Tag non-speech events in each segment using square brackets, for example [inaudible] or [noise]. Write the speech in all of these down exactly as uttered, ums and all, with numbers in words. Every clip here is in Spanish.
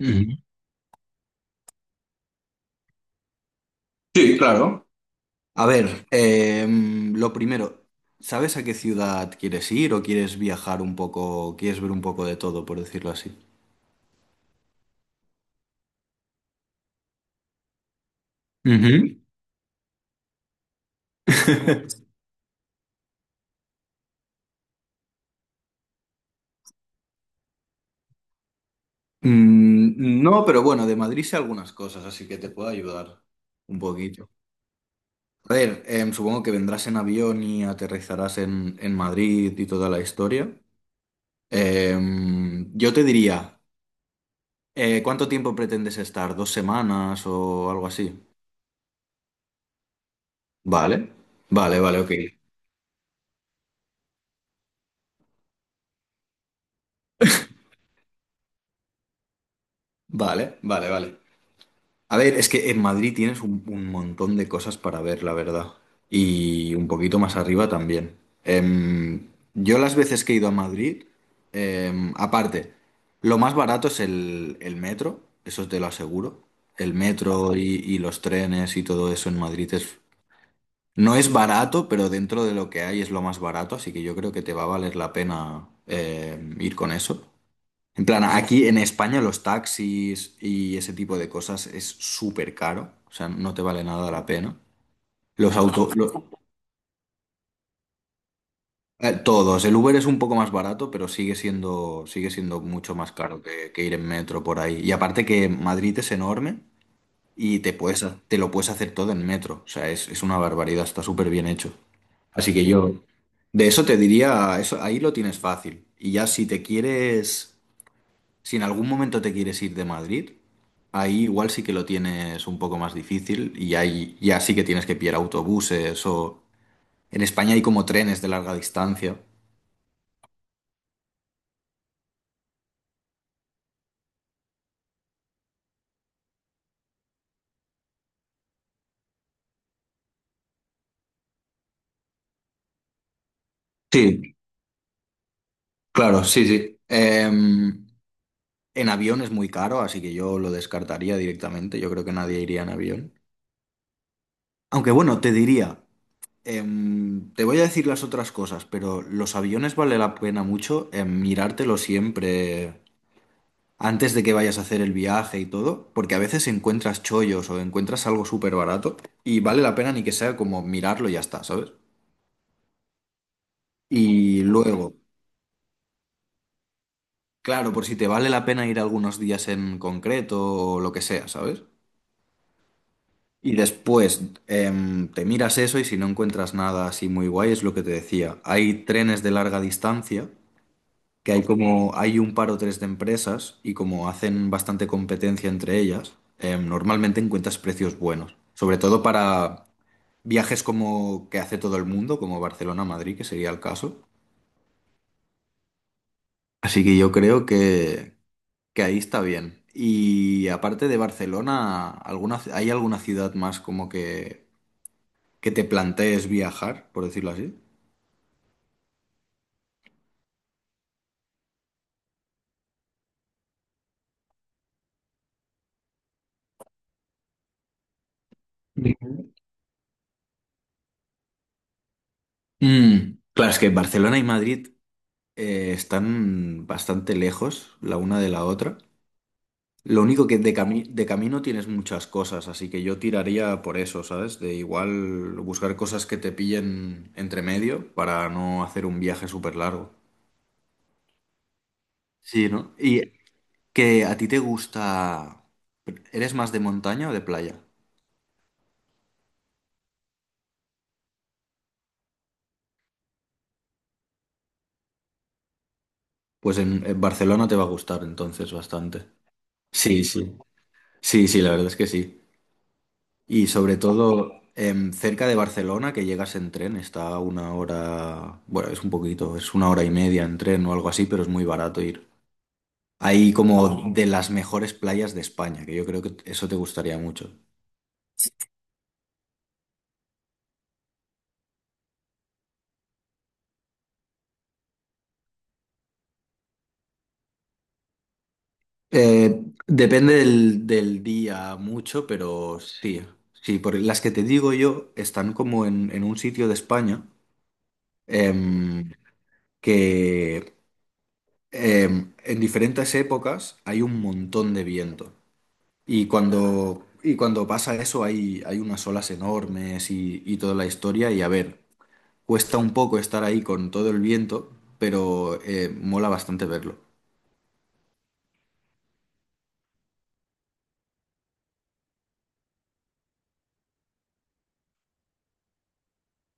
Ujú. Sí, claro. A ver, em, lo primero, ¿sabes a qué ciudad quieres ir o quieres viajar un poco, quieres ver un poco de todo, por decirlo así? Ujú. [laughs] Mm, no, pero bueno, de Madrid sé algunas cosas, así que te puedo ayudar un poquito. A ver, em, supongo que vendrás en avión y aterrizarás en, en Madrid y toda la historia. Em, yo te diría, eh, ¿cuánto tiempo pretendes estar? ¿Dos semanas o algo así? Vale, vale, vale, ok. Vale, vale, vale. A ver, es que en Madrid tienes un, un montón de cosas para ver, la verdad. Y un poquito más arriba también. Em, yo las veces que he ido a Madrid, em, aparte, lo más barato es el, el metro, eso te lo aseguro. El metro y, y los trenes y todo eso en Madrid es... No es barato, pero dentro de lo que hay es lo más barato, así que yo creo que te va a valer la pena em, ir con eso. En plan, aquí en España los taxis y ese tipo de cosas es súper caro, o sea, no te vale nada la pena. Los autos, todos, el Uber es un poco más barato, pero sigue siendo, sigue siendo mucho más caro que, que ir en metro por ahí. Y aparte que Madrid es enorme y te puedes, ha- te lo puedes hacer todo en metro, o sea, es, es una barbaridad, está súper bien hecho. Así que yo, de eso te diría, eso, ahí lo tienes fácil. Y ya si te quieres... Si en algún momento te quieres ir de Madrid, ahí igual sí que lo tienes un poco más difícil y ahí ya sí que tienes que pillar autobuses o... En España hay como trenes de larga distancia. Sí, claro, sí, sí. Em, en avión es muy caro, así que yo lo descartaría directamente. Yo creo que nadie iría en avión. Aunque bueno, te diría, em, te voy a decir las otras cosas, pero los aviones vale la pena mucho em, mirártelo siempre antes de que vayas a hacer el viaje y todo, porque a veces encuentras chollos o encuentras algo súper barato y vale la pena ni que sea como mirarlo y ya está, ¿sabes? Y luego, claro, por si te vale la pena ir algunos días en concreto o lo que sea, ¿sabes? Y después em, te miras eso y si no encuentras nada así muy guay, es lo que te decía. Hay trenes de larga distancia, que hay como, hay un par o tres de empresas y como hacen bastante competencia entre ellas, em, normalmente encuentras precios buenos. Sobre todo para viajes como que hace todo el mundo, como Barcelona-Madrid, que sería el caso. Así que yo creo que, que ahí está bien. Y aparte de Barcelona, ¿alguna, hay alguna ciudad más como que, que te plantees viajar, por decirlo así? Ujú. Mm, claro, es que Barcelona y Madrid eh, están bastante lejos la una de la otra. Lo único que de cami- de camino tienes muchas cosas, así que yo tiraría por eso, ¿sabes? De igual buscar cosas que te pillen entre medio para no hacer un viaje súper largo. Sí, ¿no? Y que a ti te gusta... ¿Eres más de montaña o de playa? Pues en, en Barcelona te va a gustar entonces bastante. Sí, sí. Sí, sí, la verdad es que sí. Y sobre todo em, cerca de Barcelona, que llegas en tren, está a una hora, bueno, es un poquito, es una hora y media en tren o algo así, pero es muy barato ir. Hay como de las mejores playas de España, que yo creo que eso te gustaría mucho. Eh, depende del, del día mucho, pero sí, sí, por las que te digo yo están como en, en un sitio de España em, que em, en diferentes épocas hay un montón de viento. Y cuando, y cuando pasa eso hay, hay unas olas enormes y, y toda la historia. Y a ver, Cuesta un poco estar ahí con todo el viento, pero eh, mola bastante verlo.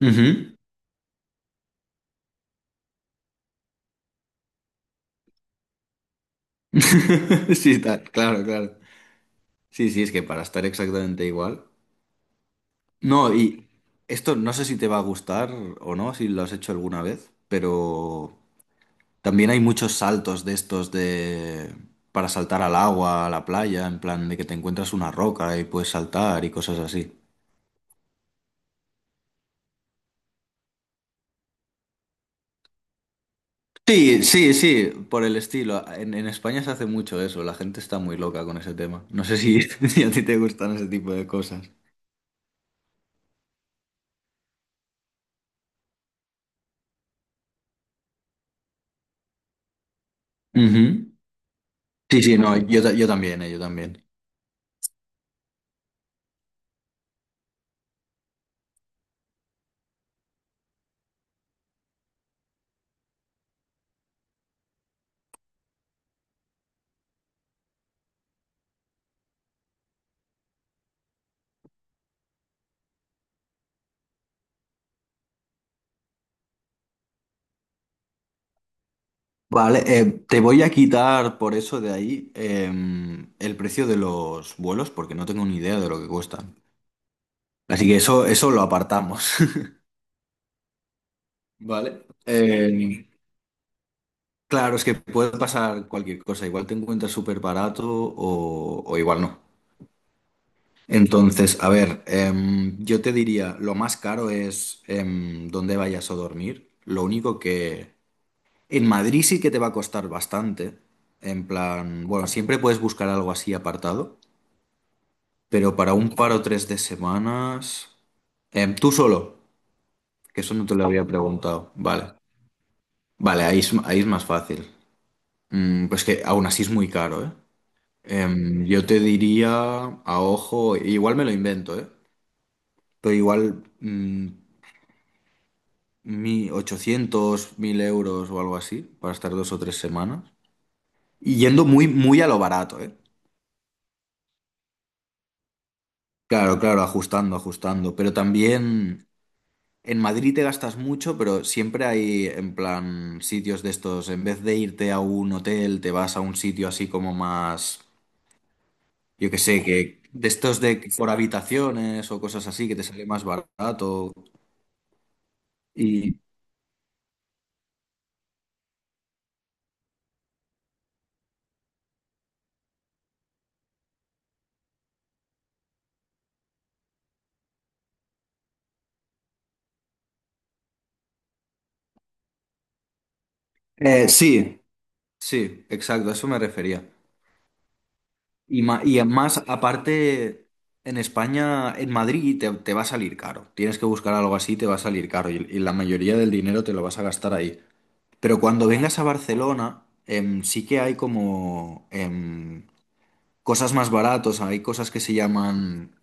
Ujú. [laughs] Sí, está, claro, claro. Sí, sí, es que para estar exactamente igual. No, y esto no sé si te va a gustar o no, si lo has hecho alguna vez, pero también hay muchos saltos de estos de... para saltar al agua, a la playa, en plan de que te encuentras una roca y puedes saltar y cosas así. Sí, sí, sí, por el estilo. En, en España se hace mucho eso, la gente está muy loca con ese tema. No sé si, [laughs] si a ti te gustan ese tipo de cosas. Ujú. Sí, sí, no, yo, ta- yo también, eh, yo también. Vale, eh, te voy a quitar por eso de ahí em, el precio de los vuelos porque no tengo ni idea de lo que cuestan. Así que eso, eso lo apartamos. [laughs] Vale. Eh, claro, es que puede pasar cualquier cosa. Igual te encuentras súper barato o, o igual no. Entonces, a ver, em, yo te diría, lo más caro es em, dónde vayas a dormir. Lo único que en Madrid sí que te va a costar bastante. En plan, bueno, siempre puedes buscar algo así apartado, pero para un par o tres de semanas... Em, tú solo, que eso no te lo había preguntado. Vale, vale, ahí es, ahí es más fácil. Mm, pues que aún así es muy caro, ¿eh? Em, yo te diría, a ojo, igual me lo invento, ¿eh? Pero igual mm, mi ochocientos mil euros o algo así, para estar dos o tres semanas. Y yendo muy, muy a lo barato, ¿eh? Claro, claro, ajustando, ajustando. Pero también en Madrid te gastas mucho, pero siempre hay, en plan, sitios de estos. En vez de irte a un hotel, te vas a un sitio así como más, yo qué sé, que de estos de por habitaciones o cosas así, que te sale más barato. Y... Eh, sí, sí, exacto, a eso me refería. Y, ma- y más, aparte, en España, en Madrid, te, te va a salir caro. Tienes que buscar algo así, te va a salir caro. Y, y la mayoría del dinero te lo vas a gastar ahí. Pero cuando vengas a Barcelona, em, sí que hay como em, cosas más baratos. Hay cosas que se llaman...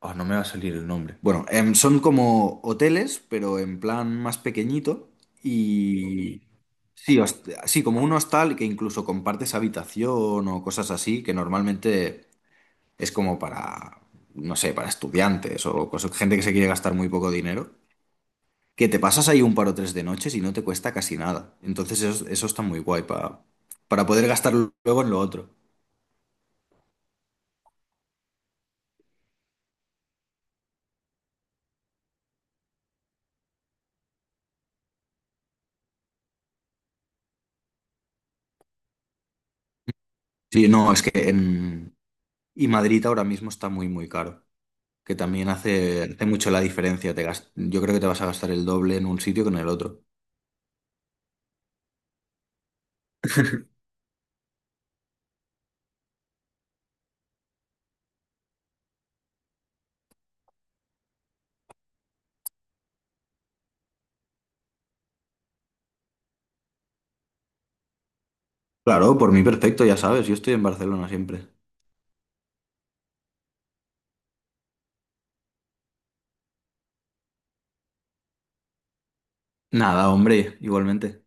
Oh, no me va a salir el nombre. Bueno, em, son como hoteles, pero en plan más pequeñito. Y... Sí, host- sí, como un hostal que incluso compartes habitación o cosas así, que normalmente es como para, no sé, para estudiantes o cos- gente que se quiere gastar muy poco dinero, que te pasas ahí un par o tres de noches y no te cuesta casi nada. Entonces eso, eso está muy guay pa- para poder gastarlo luego en lo otro. Sí, no, es que en... Y Madrid ahora mismo está muy, muy caro, que también hace, hace mucho la diferencia. Te gas- Yo creo que te vas a gastar el doble en un sitio que en el otro. [laughs] Claro, por mí perfecto, ya sabes, yo estoy en Barcelona siempre. Nada, hombre, igualmente.